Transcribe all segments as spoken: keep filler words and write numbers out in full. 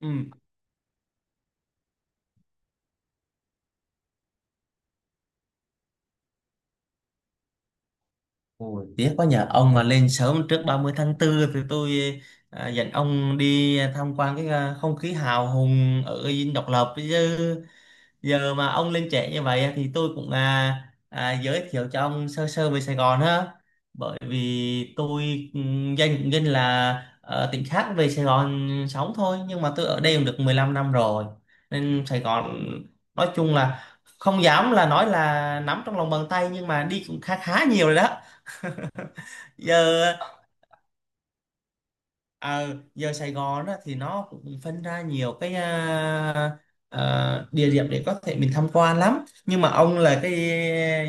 Ừ. Ôi, tiếc quá nhờ ông mà lên sớm trước ba mươi tháng tư thì tôi à, dẫn ông đi tham quan cái à, không khí hào hùng ở Dinh Độc Lập, chứ giờ mà ông lên trễ như vậy thì tôi cũng à, à, giới thiệu cho ông sơ sơ về Sài Gòn ha. Bởi vì tôi ừm, danh cũng danh là ở tỉnh khác về Sài Gòn sống thôi, nhưng mà tôi ở đây cũng được mười lăm năm rồi, nên Sài Gòn nói chung là không dám là nói là nắm trong lòng bàn tay, nhưng mà đi cũng khá khá nhiều rồi đó. Giờ à, giờ Sài Gòn á, thì nó cũng phân ra nhiều cái à, à, địa điểm để có thể mình tham quan lắm, nhưng mà ông là cái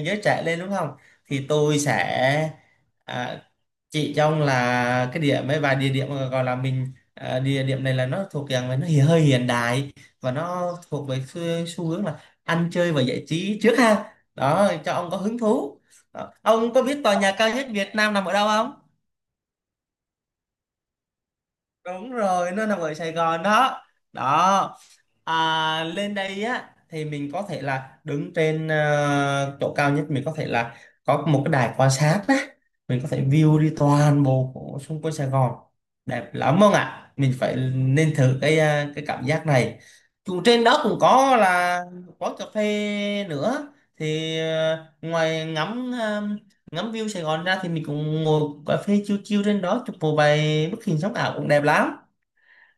giới trẻ lên đúng không, thì tôi sẽ à, chỉ cho ông là cái điểm mấy vài địa điểm mà gọi là mình, à, địa điểm này là nó thuộc dạng là nó hiện hơi hiện đại, và nó thuộc về xu, xu hướng là ăn chơi và giải trí trước ha, đó cho ông có hứng thú đó. Ông có biết tòa nhà cao nhất Việt Nam nằm ở đâu không? Đúng rồi, nó nằm ở Sài Gòn đó đó. À, lên đây á thì mình có thể là đứng trên ờ, chỗ cao nhất, mình có thể là có một cái đài quan sát á, mình có thể view đi toàn bộ của xung quanh Sài Gòn đẹp lắm không ạ. Mình phải nên thử cái ờ, cái cảm giác này, dù trên đó cũng có là quán cà phê nữa, thì ờ, ngoài ngắm ờ, ngắm view Sài Gòn ra thì mình cũng ngồi cà phê chill chill trên đó chụp một vài bức hình sống ảo cũng đẹp lắm.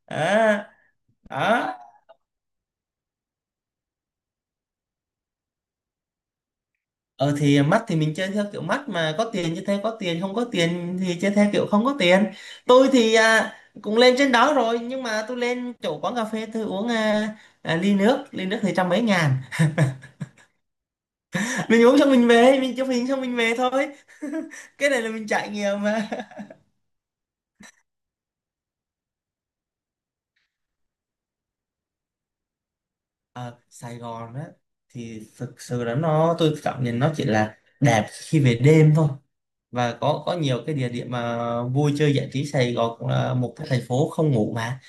à, Đó. Ờ thì mắt thì mình chơi theo kiểu mắt, mà có tiền chơi theo có tiền, không có tiền thì chơi theo kiểu không có tiền. Tôi thì à, cũng lên trên đó rồi, nhưng mà tôi lên chỗ quán cà phê tôi uống à, à, ly nước ly nước thì trăm mấy ngàn. Mình uống xong mình về, mình chụp hình xong mình về thôi. Cái này là mình trải nghiệm mà. Ờ, Sài Gòn á thì thực sự là nó tôi cảm nhận nó chỉ là đẹp khi về đêm thôi, và có có nhiều cái địa điểm mà vui chơi giải trí. Sài Gòn cũng là một cái thành phố không ngủ mà.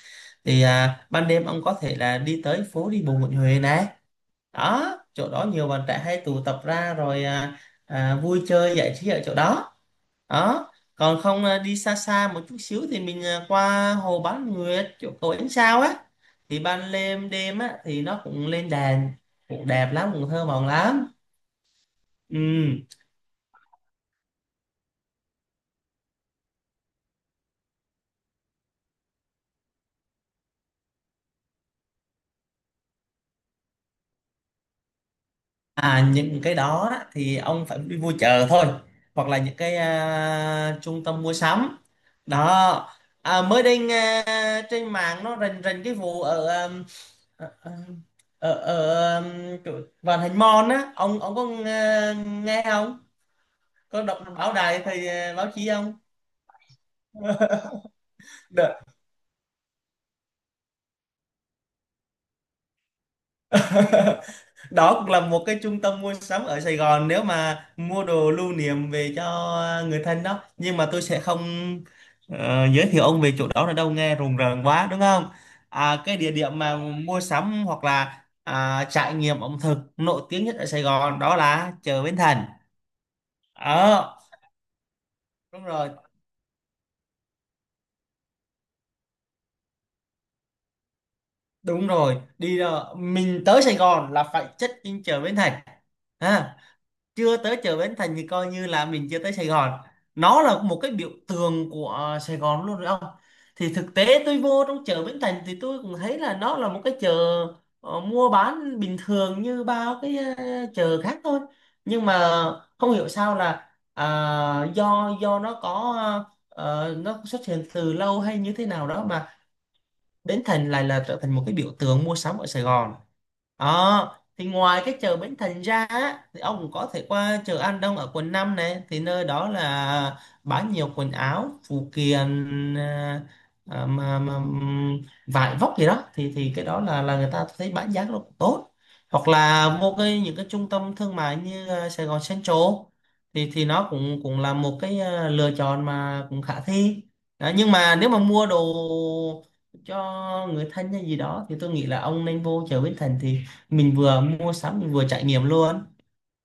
Thì à, ban đêm ông có thể là đi tới phố đi bộ Nguyễn Huệ này đó, chỗ đó nhiều bạn trẻ hay tụ tập ra rồi à, à, vui chơi giải trí ở chỗ đó đó. Còn không à, đi xa xa một chút xíu thì mình à, qua hồ Bán Nguyệt chỗ cầu ánh sao á, thì ban đêm đêm á thì nó cũng lên đèn, cũng đẹp lắm cũng thơ mộng lắm. Ừ. À, những cái đó á, thì ông phải đi mua chợ thôi, hoặc là những cái à, trung tâm mua sắm đó. À, mới đây nghe trên mạng nó rình rình cái vụ ở um, ở, ở, ở um, chỗ Vạn Hạnh Mall á, ông ông có nghe, nghe không, có đọc báo đài thì à, báo chí không? Được. Đó cũng là một cái trung tâm mua sắm ở Sài Gòn, nếu mà mua đồ lưu niệm về cho người thân đó, nhưng mà tôi sẽ không ờ, giới thiệu ông về chỗ đó là đâu, nghe rùng rợn quá đúng không. À, cái địa điểm mà mua sắm hoặc là à, trải nghiệm ẩm thực nổi tiếng nhất ở Sài Gòn đó là chợ Bến Thành. Ờ, đúng rồi đúng rồi, đi ra- mình tới Sài Gòn là phải check in chợ Bến Thành. Ha. Chưa tới chợ Bến Thành thì coi như là mình chưa tới Sài Gòn, nó là một cái biểu tượng của ờ, Sài Gòn luôn rồi ông. Thì thực tế tôi vô trong chợ Bến Thành thì tôi cũng thấy là nó là một cái chợ ờ, mua bán bình thường như bao cái ờ, chợ khác thôi, nhưng mà không hiểu sao là à, do do nó có ờ, nó xuất hiện từ lâu hay như thế nào đó, mà Bến Thành lại là trở thành một cái biểu tượng mua sắm ở Sài Gòn. Ờ, thì ngoài cái chợ Bến Thành ra á, thì ông cũng có thể qua chợ An Đông ở quận năm này, thì nơi đó là bán nhiều quần áo phụ kiện à, à, mà, mà ừm, vải vóc gì đó, thì thì cái đó là là người ta thấy bán giá nó cũng tốt, hoặc là vô cái những cái trung tâm thương mại như à, Sài Gòn Central thì thì nó cũng cũng là một cái à, lựa chọn mà cũng khả thi đó. Nhưng mà nếu mà mua đồ cho người thân hay gì đó, thì tôi nghĩ là ông nên vô chợ Bến Thành, thì mình vừa mua sắm mình vừa trải nghiệm luôn.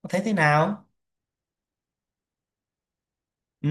Ông thấy thế nào? Ừ.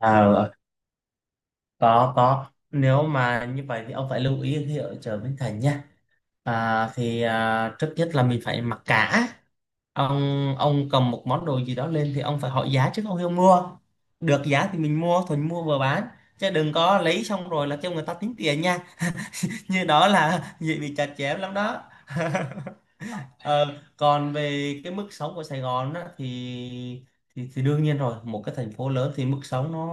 à có có, nếu mà như vậy thì ông phải lưu ý khi ở chợ Bến Thành nha. À, thì à, trước nhất là mình phải mặc cả. Ông ông cầm một món đồ gì đó lên, thì ông phải hỏi giá trước, ông hiểu mua được giá thì mình mua, thuần mua vừa bán, chứ đừng có lấy xong rồi là kêu người ta tính tiền nha. Như đó là dễ bị chặt chém lắm đó. Ờ, còn về cái mức sống của Sài Gòn á, thì, thì thì đương nhiên rồi, một cái thành phố lớn thì mức sống nó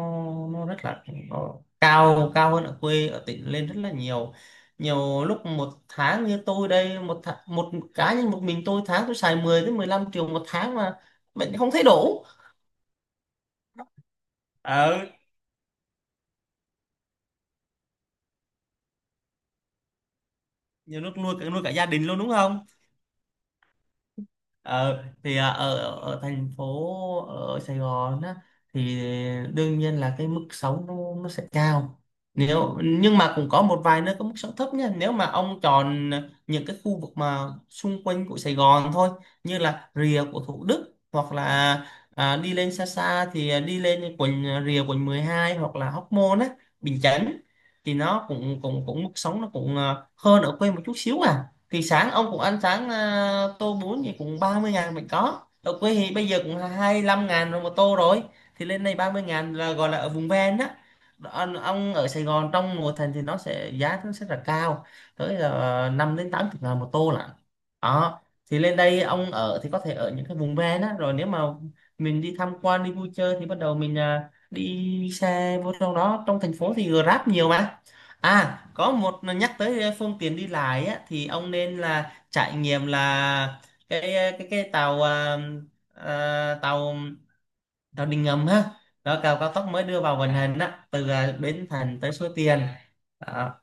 nó rất là nó cao cao hơn ở quê ở tỉnh lên rất là nhiều. Nhiều lúc một tháng như tôi đây, một thá, một cá nhân một mình tôi, tháng tôi xài mười đến mười lăm triệu một tháng mà mình không thấy đủ. Ờ, nhiều lúc nuôi cả nuôi cả gia đình luôn đúng không. Ờ, thì à, ở, ở ở thành phố ở Sài Gòn á, thì đương nhiên là cái mức sống nó, nó sẽ cao, nếu nhưng mà cũng có một vài nơi có mức sống thấp nha, nếu mà ông chọn những cái khu vực mà xung quanh của Sài Gòn thôi, như là rìa của Thủ Đức hoặc là à, đi lên xa xa thì đi lên quận rìa quận mười hai, hoặc là Hóc Môn á, Bình Chánh. Thì nó cũng cũng cũng mức sống nó cũng à, hơn ở quê một chút xíu à. Thì sáng ông cũng ăn sáng à, tô bún thì cũng ba mươi ngàn, mình có ở quê thì bây giờ cũng hai lăm ngàn rồi một tô rồi, thì lên đây ba mươi ngàn là gọi là ở vùng ven á. Ông, ông ở Sài Gòn trong nội thành thì nó sẽ giá nó sẽ là cao tới là năm đến tám mươi ngàn một tô lận đó. Thì lên đây ông ở thì có thể ở những cái vùng ven á, rồi nếu mà mình đi tham quan đi vui chơi thì bắt đầu mình à, đi xe vô trong đó, trong thành phố thì Grab nhiều mà. À, có một nhắc tới ờ, phương tiện đi lại á, thì ông nên là trải nghiệm là cái ờ, cái cái tàu à, à, tàu tàu điện ngầm ha, đó tàu cao tốc mới đưa vào vận hành á, từ à, Bến Thành tới Suối Tiên. Đó.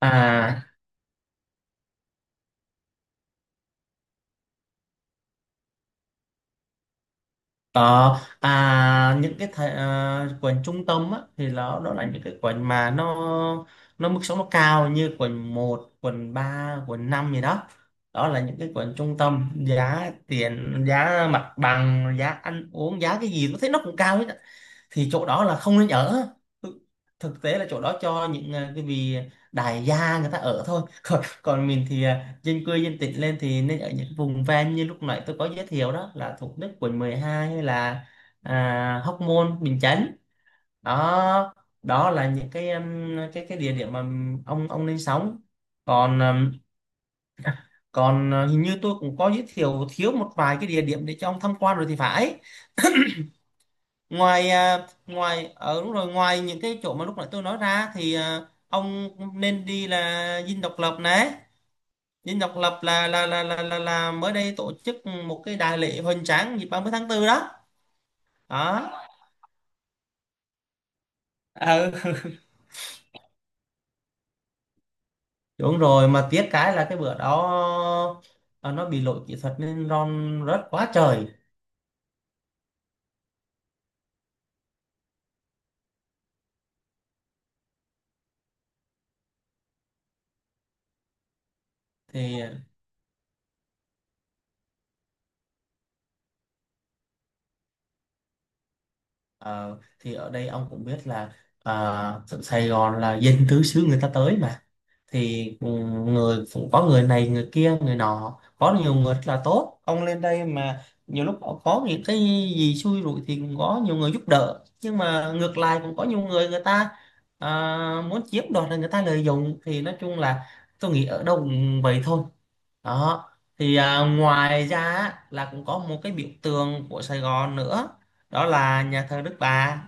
À, Ờ, à những cái thầy, à, quần trung tâm á, thì nó đó là những cái quần mà nó nó mức sống nó cao, như quần một, quần ba, quần năm gì đó. Đó là những cái quần trung tâm, giá tiền, giá mặt bằng, giá ăn uống, giá cái gì tôi thấy nó cũng cao hết á. Thì chỗ đó là không nên ở. Thực Thực tế là chỗ đó cho những à, cái vì đại gia người ta ở thôi. Còn còn mình thì ờ, dân quê dân tỉnh lên thì nên ở những vùng ven, như lúc nãy tôi có giới thiệu đó là Thủ Đức, quận mười hai, hay là à, Hóc Môn, Bình Chánh đó. Đó là những cái um, cái cái địa điểm mà ông ông nên sống. Còn um, còn uh, hình như tôi cũng có giới thiệu thiếu một vài cái địa điểm để cho ông tham quan rồi thì phải. Ngoài à, ngoài ở đúng rồi, ngoài những cái chỗ mà lúc nãy tôi nói ra thì à, ông nên đi là Dinh Độc Lập này. Dinh Độc Lập là là là là là, là mới đây tổ chức một cái đại lễ hoành tráng dịp ba mươi tháng 4 đó. Đó. Ừ. Đúng rồi, mà tiếc cái là cái bữa đó ờ, nó bị lỗi kỹ thuật nên ron rớt quá trời. Thì ờ, thì ở đây ông cũng biết là ờ, Sài Gòn là dân tứ xứ người ta tới mà, thì ừ, người cũng có người này người kia người nọ, có nhiều người rất là tốt. Ông lên đây mà nhiều lúc có có những cái gì xui rủi thì cũng có nhiều người giúp đỡ, nhưng mà ngược lại cũng có nhiều người người ta à, muốn chiếm đoạt, là người ta lợi dụng. Thì nói chung là tôi nghĩ ở đâu cũng vậy thôi đó. Thì à, ngoài ra á, là cũng có một cái biểu tượng của Sài Gòn nữa, đó là nhà thờ Đức Bà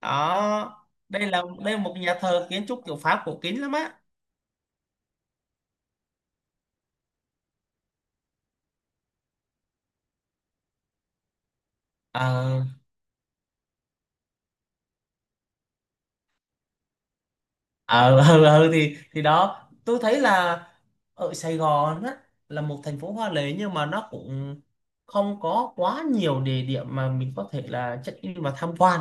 đó. Đây là đây là một nhà thờ kiến trúc kiểu Pháp cổ kính lắm á. Ờ, ờ ừ, ừ, ừ, thì thì đó tôi thấy là ở Sài Gòn á, là một thành phố hoa lệ nhưng mà nó cũng không có quá nhiều địa điểm mà mình có thể là check in và tham quan.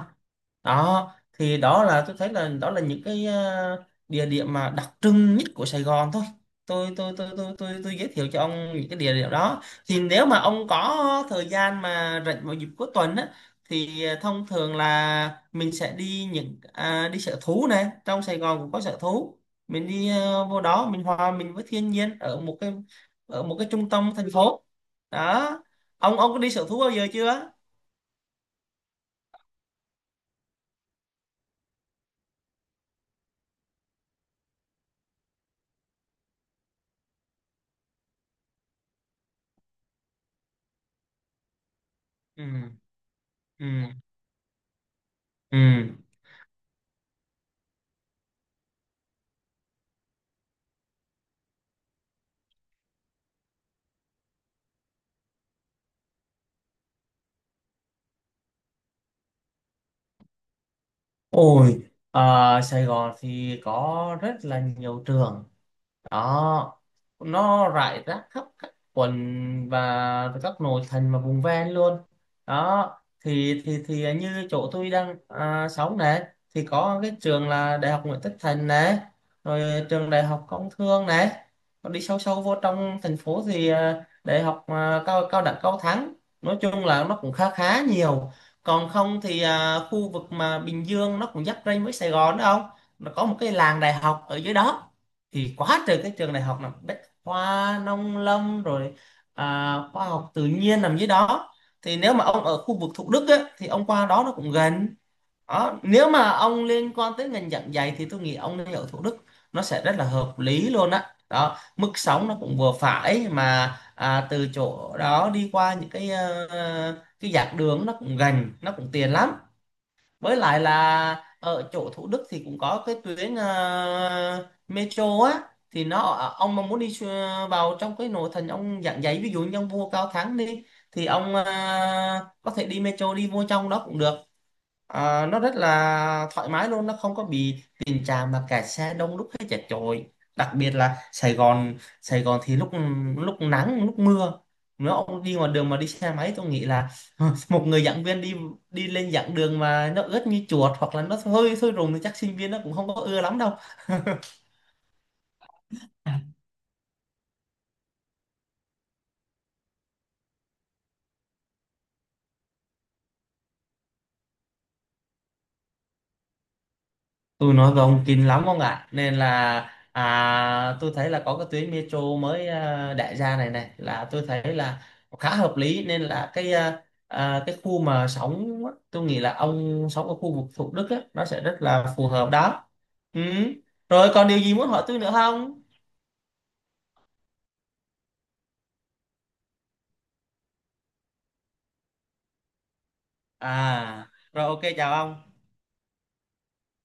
Đó, thì đó là tôi thấy là đó là những cái ờ, địa điểm mà đặc trưng nhất của Sài Gòn thôi. Tôi tôi tôi tôi tôi tôi giới thiệu cho ông những cái địa điểm đó, thì nếu mà ông có thời gian mà rảnh vào dịp cuối tuần á, thì ờ, thông thường là mình sẽ đi những à, đi sở thú này. Trong Sài Gòn cũng có sở thú, mình đi ờ, vô đó mình hòa mình với thiên nhiên ở một cái ở một cái trung tâm thành phố đó. Ông ông có đi sở thú bao giờ chưa? Ừ, ừ, ừ. Ôi, à, Sài Gòn thì có rất là nhiều trường đó, nó rải rác khắp các quận và các nội thành và vùng ven luôn đó. Thì thì thì như chỗ tôi đang à, sống này thì có cái trường là đại học Nguyễn Tất Thành này, rồi trường đại học Công Thương này. Còn đi sâu sâu vô trong thành phố thì à, đại học à, cao cao đẳng Cao Thắng. Nói chung là nó cũng khá khá nhiều. Còn không thì à, khu vực mà Bình Dương nó cũng giáp ranh với Sài Gòn đó không, nó có một cái làng đại học ở dưới đó, thì quá trời các trường đại học là bách khoa, nông lâm, rồi à, khoa học tự nhiên nằm dưới đó. Thì nếu mà ông ở khu vực Thủ Đức á, thì ông qua đó nó cũng gần đó. Nếu mà ông liên quan tới ngành giảng dạy thì tôi nghĩ ông nên ở Thủ Đức, nó sẽ rất là hợp lý luôn á. Đó, mức sống nó cũng vừa phải, mà à, từ chỗ đó đi qua những cái ờ, cái giảng đường nó cũng gần, nó cũng tiền lắm. Với lại là ở chỗ Thủ Đức thì cũng có cái tuyến ờ, metro á, thì nó, ông mà muốn đi xu- vào trong cái nội thành ông giảng giấy, ví dụ như ông vua Cao Thắng đi, thì ông ờ, có thể đi metro đi vô trong đó cũng được. Ờ, nó rất là thoải mái luôn, nó không có bị tình trạng mà kẹt xe đông đúc hay chật chội. Đặc biệt là Sài Gòn Sài Gòn thì lúc lúc nắng lúc mưa, nếu ông đi ngoài đường mà đi xe máy tôi nghĩ là một người giảng viên đi đi lên giảng đường mà nó ướt như chuột hoặc là nó hơi sôi rùng thì chắc sinh viên nó cũng không có ưa lắm đâu. Tôi nói với ông kinh lắm ông ạ, nên là à, tôi thấy là có cái tuyến metro mới, à, đại gia này này, là tôi thấy là khá hợp lý. Nên là cái à, à, cái khu mà sống á, tôi nghĩ là ông sống ở khu vực Thủ Đức á, nó sẽ rất là phù hợp đó. Ừ. Rồi, còn điều gì muốn hỏi tôi nữa không? À, rồi, ok, chào ông.